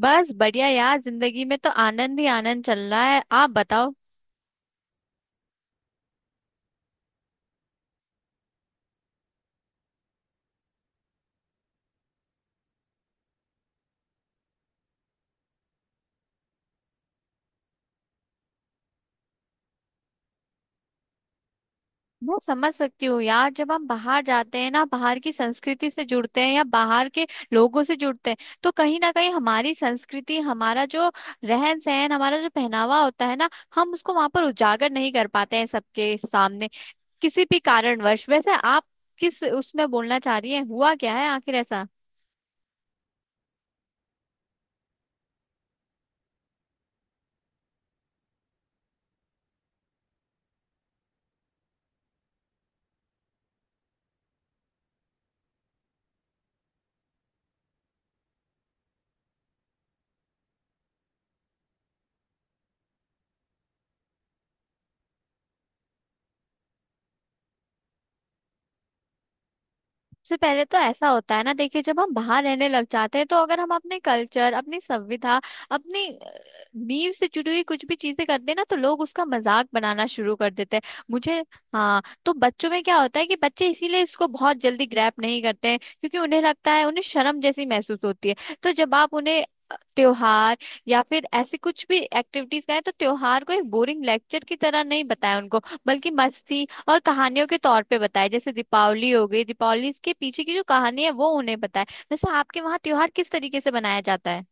बस बढ़िया यार। जिंदगी में तो आनंद ही आनंद चल रहा है। आप बताओ। मैं समझ सकती हूँ यार, जब हम बाहर जाते हैं ना, बाहर की संस्कृति से जुड़ते हैं या बाहर के लोगों से जुड़ते हैं, तो कहीं ना कहीं हमारी संस्कृति, हमारा जो रहन सहन, हमारा जो पहनावा होता है ना, हम उसको वहां पर उजागर नहीं कर पाते हैं सबके सामने, किसी भी कारणवश। वैसे आप किस उसमें बोलना चाह रही हैं, हुआ क्या है आखिर ऐसा? सबसे पहले तो ऐसा होता है ना, देखिए, जब हम बाहर रहने लग जाते हैं तो अगर हम अपने कल्चर, अपनी संविधा, अपनी नींव से जुड़ी हुई कुछ भी चीजें करते हैं ना, तो लोग उसका मजाक बनाना शुरू कर देते हैं। मुझे हाँ, तो बच्चों में क्या होता है कि बच्चे इसीलिए इसको बहुत जल्दी ग्रैप नहीं करते हैं, क्योंकि उन्हें लगता है, उन्हें शर्म जैसी महसूस होती है। तो जब आप उन्हें त्योहार या फिर ऐसे कुछ भी एक्टिविटीज कराएं, तो त्योहार को एक बोरिंग लेक्चर की तरह नहीं बताएं उनको, बल्कि मस्ती और कहानियों के तौर पे बताए। जैसे दीपावली हो गई, दीपावली के पीछे की जो कहानी है वो उन्हें बताए। वैसे आपके वहाँ त्योहार किस तरीके से मनाया जाता है?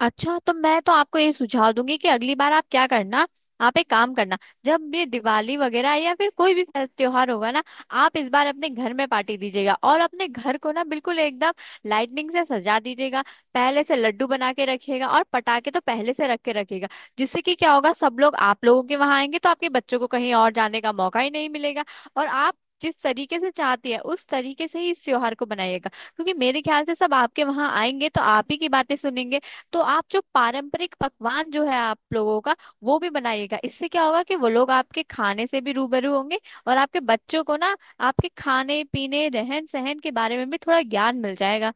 अच्छा, तो मैं तो आपको ये सुझाव दूंगी कि अगली बार आप क्या करना, आप एक काम करना, जब ये दिवाली वगैरह या फिर कोई भी त्योहार होगा ना, आप इस बार अपने घर में पार्टी दीजिएगा, और अपने घर को ना बिल्कुल एकदम लाइटनिंग से सजा दीजिएगा। पहले से लड्डू बना के रखिएगा और पटाखे तो पहले से रख के रखिएगा, जिससे कि क्या होगा, सब लोग आप लोगों के वहां आएंगे तो आपके बच्चों को कहीं और जाने का मौका ही नहीं मिलेगा। और आप जिस तरीके से चाहती है उस तरीके से ही इस त्योहार को बनाइएगा, क्योंकि मेरे ख्याल से सब आपके वहां आएंगे तो आप ही की बातें सुनेंगे। तो आप जो पारंपरिक पकवान जो है आप लोगों का, वो भी बनाइएगा। इससे क्या होगा कि वो लोग आपके खाने से भी रूबरू होंगे। और आपके बच्चों को ना आपके खाने पीने, रहन सहन के बारे में भी थोड़ा ज्ञान मिल जाएगा।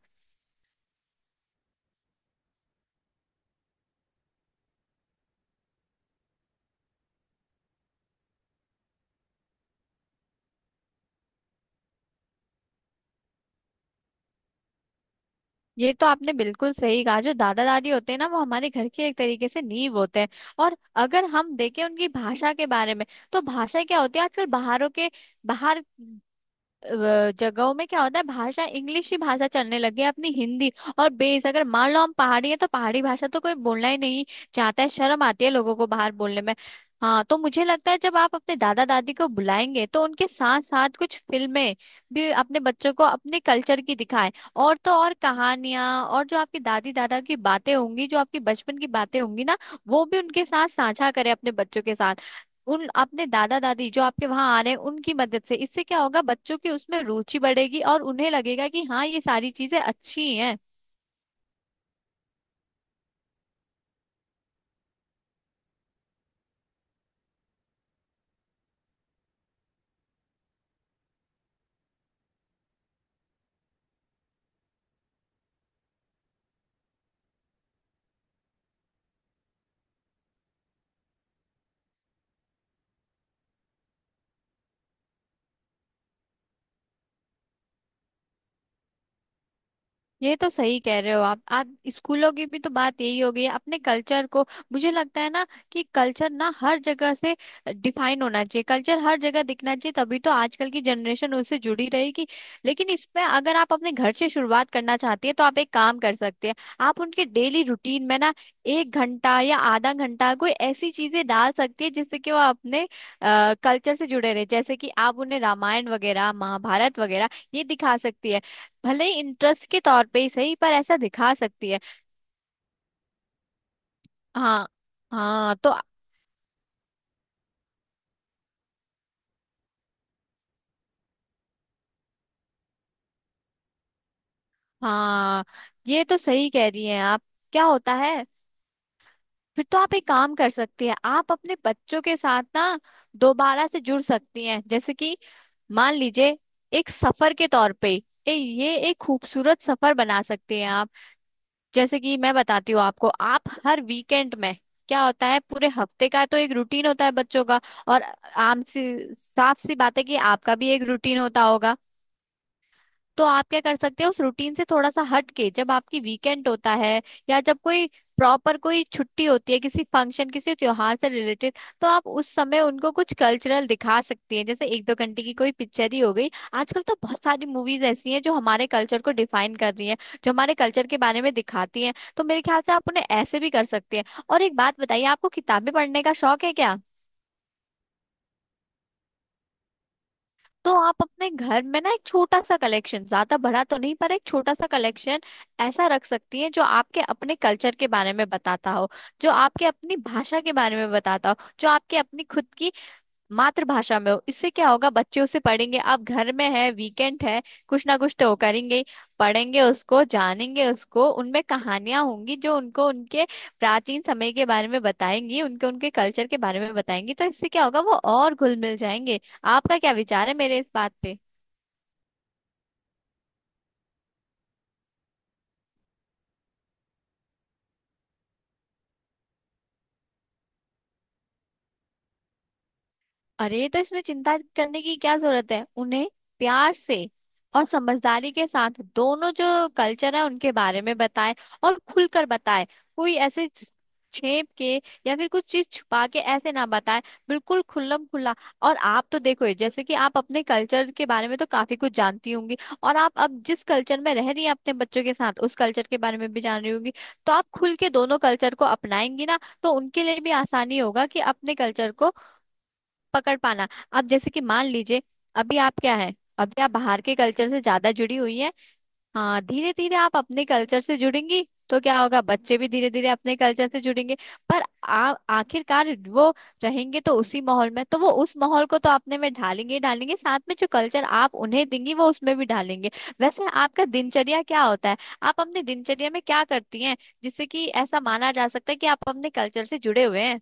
ये तो आपने बिल्कुल सही कहा, जो दादा दादी होते हैं ना, वो हमारे घर के एक तरीके से नींव होते हैं। और अगर हम देखें उनकी भाषा के बारे में, तो भाषा क्या होती है, आजकल बाहरों के बाहर जगहों में क्या होता है, भाषा इंग्लिश ही भाषा चलने लगी है, अपनी हिंदी और बेस, अगर मान लो हम पहाड़ी है तो पहाड़ी भाषा तो कोई बोलना ही नहीं चाहता है, शर्म आती है लोगों को बाहर बोलने में। हाँ, तो मुझे लगता है जब आप अपने दादा दादी को बुलाएंगे, तो उनके साथ साथ कुछ फिल्में भी अपने बच्चों को अपने कल्चर की दिखाएं। और तो और, कहानियां और जो आपकी दादी दादा की बातें होंगी, जो आपकी बचपन की बातें होंगी ना, वो भी उनके साथ साझा करें, अपने बच्चों के साथ, उन अपने दादा दादी जो आपके वहां आ रहे हैं उनकी मदद से। इससे क्या होगा, बच्चों की उसमें रुचि बढ़ेगी और उन्हें लगेगा कि हाँ, ये सारी चीजें अच्छी हैं। ये तो सही कह रहे हो आप स्कूलों की भी तो बात यही हो गई है, अपने कल्चर को। मुझे लगता है ना कि कल्चर ना हर जगह से डिफाइन होना चाहिए, कल्चर हर जगह दिखना चाहिए, तभी तो आजकल की जनरेशन उससे जुड़ी रहेगी। लेकिन इसमें अगर आप अपने घर से शुरुआत करना चाहती है, तो आप एक काम कर सकते हैं, आप उनके डेली रूटीन में ना एक घंटा या आधा घंटा कोई ऐसी चीजें डाल सकती है, जिससे कि वो अपने कल्चर से जुड़े रहे। जैसे कि आप उन्हें रामायण वगैरह, महाभारत वगैरह ये दिखा सकती है, भले ही इंटरेस्ट के तौर पे ही सही, पर ऐसा दिखा सकती है। हाँ, हाँ, तो हाँ, ये तो सही कह रही हैं आप। क्या होता है, फिर तो आप एक काम कर सकती हैं, आप अपने बच्चों के साथ ना दोबारा से जुड़ सकती हैं। जैसे कि मान लीजिए, एक सफर के तौर पे, ये एक खूबसूरत सफर बना सकती हैं आप। जैसे कि मैं बताती हूँ आपको, आप हर वीकेंड में, क्या होता है, पूरे हफ्ते का तो एक रूटीन होता है बच्चों का, और आम सी, साफ सी बात है कि आपका भी एक रूटीन होता होगा। तो आप क्या कर सकते हो, उस रूटीन से थोड़ा सा हट के, जब आपकी वीकेंड होता है या जब कोई प्रॉपर कोई छुट्टी होती है किसी फंक्शन, किसी त्योहार से रिलेटेड, तो आप उस समय उनको कुछ कल्चरल दिखा सकती हैं, जैसे एक दो घंटे की कोई पिक्चर ही हो गई। आजकल तो बहुत सारी मूवीज ऐसी हैं जो हमारे कल्चर को डिफाइन कर रही हैं, जो हमारे कल्चर के बारे में दिखाती हैं, तो मेरे ख्याल से आप उन्हें ऐसे भी कर सकते हैं। और एक बात बताइए, आपको किताबें पढ़ने का शौक है क्या? तो आप अपने घर में ना एक छोटा सा कलेक्शन, ज्यादा बड़ा तो नहीं पर एक छोटा सा कलेक्शन ऐसा रख सकती हैं, जो आपके अपने कल्चर के बारे में बताता हो, जो आपके अपनी भाषा के बारे में बताता हो, जो आपके अपनी खुद की मातृभाषा में हो। इससे क्या होगा, बच्चे उसे पढ़ेंगे, आप घर में है, वीकेंड है, कुछ ना कुछ तो करेंगे ही। पढ़ेंगे, उसको जानेंगे, उसको उनमें कहानियां होंगी जो उनको उनके प्राचीन समय के बारे में बताएंगी, उनके उनके कल्चर के बारे में बताएंगी, तो इससे क्या होगा वो और घुल मिल जाएंगे। आपका क्या विचार है मेरे इस बात पे? अरे, तो इसमें चिंता करने की क्या जरूरत है, उन्हें प्यार से और समझदारी के साथ दोनों जो कल्चर है उनके बारे में बताएं, और खुलकर बताएं। कोई ऐसे छेप के या फिर कुछ चीज छुपा के ऐसे ना बताएं, बिल्कुल खुल्लम खुल्ला। और आप तो देखो ये, जैसे कि आप अपने कल्चर के बारे में तो काफी कुछ जानती होंगी, और आप अब जिस कल्चर में रह रही हैं अपने बच्चों के साथ, उस कल्चर के बारे में भी जान रही होंगी। तो आप खुल के दोनों कल्चर को अपनाएंगी ना, तो उनके लिए भी आसानी होगा कि अपने कल्चर को पकड़ पाना। अब जैसे कि मान लीजिए, अभी आप क्या है, अभी आप बाहर के कल्चर से ज्यादा जुड़ी हुई हैं। हाँ, धीरे धीरे आप अपने कल्चर से जुड़ेंगी तो क्या होगा, बच्चे भी धीरे धीरे अपने कल्चर से जुड़ेंगे। पर आप आखिरकार वो रहेंगे तो उसी माहौल में, तो वो उस माहौल को तो अपने में ढालेंगे ही ढालेंगे, साथ में जो कल्चर आप उन्हें देंगी वो उसमें भी ढालेंगे। वैसे आपका दिनचर्या क्या होता है? आप अपने दिनचर्या में क्या करती हैं, जिससे कि ऐसा माना जा सकता है कि आप अपने कल्चर से जुड़े हुए हैं?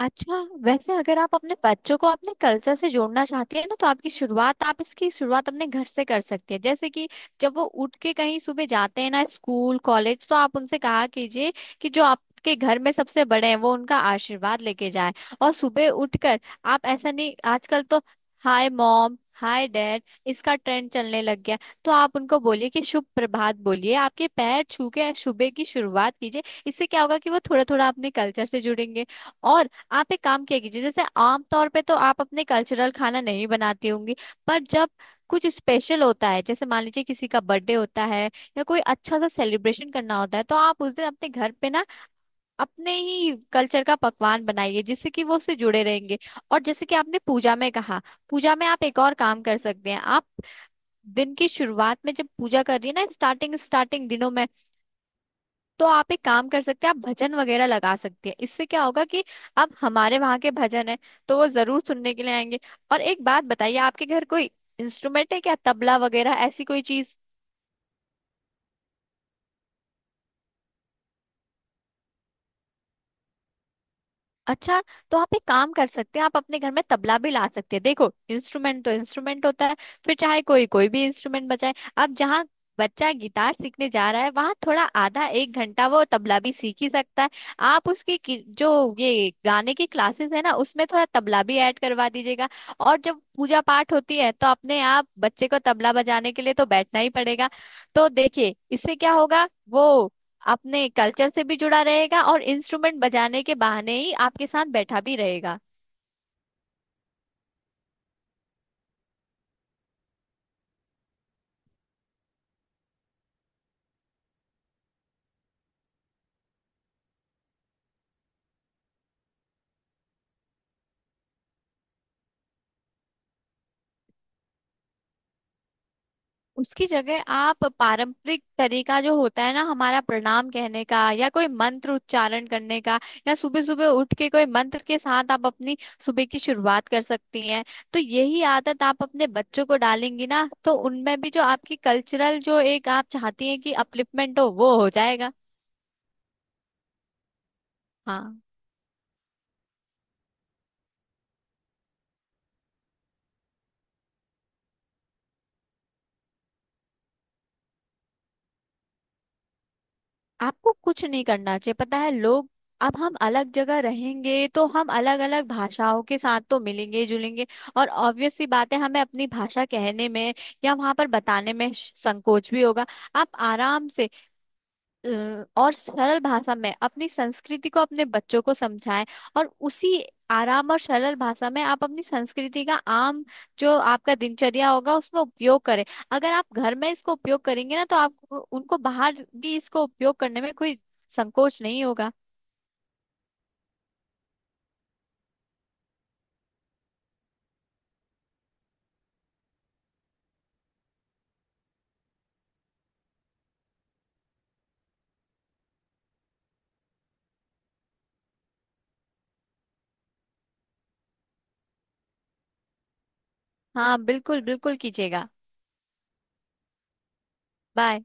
अच्छा, वैसे अगर आप अपने बच्चों को अपने कल्चर से जोड़ना चाहती है ना, तो आपकी शुरुआत, आप इसकी शुरुआत अपने घर से कर सकती है। जैसे कि जब वो उठ के कहीं सुबह जाते हैं ना स्कूल कॉलेज, तो आप उनसे कहा कीजिए कि जो आपके घर में सबसे बड़े हैं वो उनका आशीर्वाद लेके जाए। और सुबह उठकर आप ऐसा नहीं, आजकल तो हाय मॉम, हाय डैड, इसका ट्रेंड चलने लग गया। तो आप उनको बोलिए कि शुभ प्रभात बोलिए, आपके पैर छू के सुबह की शुरुआत कीजिए। इससे क्या होगा कि वो थोड़ा थोड़ा अपने कल्चर से जुड़ेंगे। और आप एक काम किया कीजिए, जैसे आमतौर पे तो आप अपने कल्चरल खाना नहीं बनाती होंगी, पर जब कुछ स्पेशल होता है, जैसे मान लीजिए किसी का बर्थडे होता है, या कोई अच्छा सा सेलिब्रेशन करना होता है, तो आप उस दिन अपने घर पे ना अपने ही कल्चर का पकवान बनाइए, जिससे कि वो उससे जुड़े रहेंगे। और जैसे कि आपने पूजा में कहा, पूजा में आप एक और काम कर सकते हैं, आप दिन की शुरुआत में जब पूजा कर रही है ना, स्टार्टिंग स्टार्टिंग दिनों में, तो आप एक काम कर सकते हैं, आप भजन वगैरह लगा सकते हैं। इससे क्या होगा कि अब हमारे वहाँ के भजन है, तो वो जरूर सुनने के लिए आएंगे। और एक बात बताइए, आपके घर कोई इंस्ट्रूमेंट है क्या, तबला वगैरह ऐसी कोई चीज? अच्छा, तो आप एक काम कर सकते हैं, आप अपने घर में तबला भी ला सकते हैं। देखो, इंस्ट्रूमेंट तो इंस्ट्रूमेंट होता है, फिर चाहे कोई कोई भी इंस्ट्रूमेंट बजाए। अब जहाँ बच्चा गिटार सीखने जा रहा है, वहां थोड़ा आधा एक घंटा वो तबला भी सीख ही सकता है। आप उसकी जो ये गाने की क्लासेस है ना, उसमें थोड़ा तबला भी ऐड करवा दीजिएगा। और जब पूजा पाठ होती है तो अपने आप बच्चे को तबला बजाने के लिए तो बैठना ही पड़ेगा। तो देखिए, इससे क्या होगा, वो अपने कल्चर से भी जुड़ा रहेगा और इंस्ट्रूमेंट बजाने के बहाने ही आपके साथ बैठा भी रहेगा। उसकी जगह आप पारंपरिक तरीका जो होता है ना हमारा, प्रणाम कहने का, या कोई मंत्र उच्चारण करने का, या सुबह सुबह उठ के कोई मंत्र के साथ आप अपनी सुबह की शुरुआत कर सकती हैं। तो यही आदत आप अपने बच्चों को डालेंगी ना, तो उनमें भी जो आपकी कल्चरल जो एक आप चाहती हैं कि अपलिफ्टमेंट हो, वो हो जाएगा। हाँ, आपको कुछ नहीं करना चाहिए, पता है, लोग, अब हम अलग जगह रहेंगे तो हम अलग अलग भाषाओं के साथ तो मिलेंगे जुलेंगे, और ऑब्वियस सी बात है हमें अपनी भाषा कहने में या वहां पर बताने में संकोच भी होगा। आप आराम से और सरल भाषा में अपनी संस्कृति को अपने बच्चों को समझाएं, और उसी आराम और सरल भाषा में आप अपनी संस्कृति का आम, जो आपका दिनचर्या होगा उसमें उपयोग करें। अगर आप घर में इसको उपयोग करेंगे ना, तो आप उनको बाहर भी इसको उपयोग करने में कोई संकोच नहीं होगा। हाँ, बिल्कुल बिल्कुल कीजिएगा। बाय।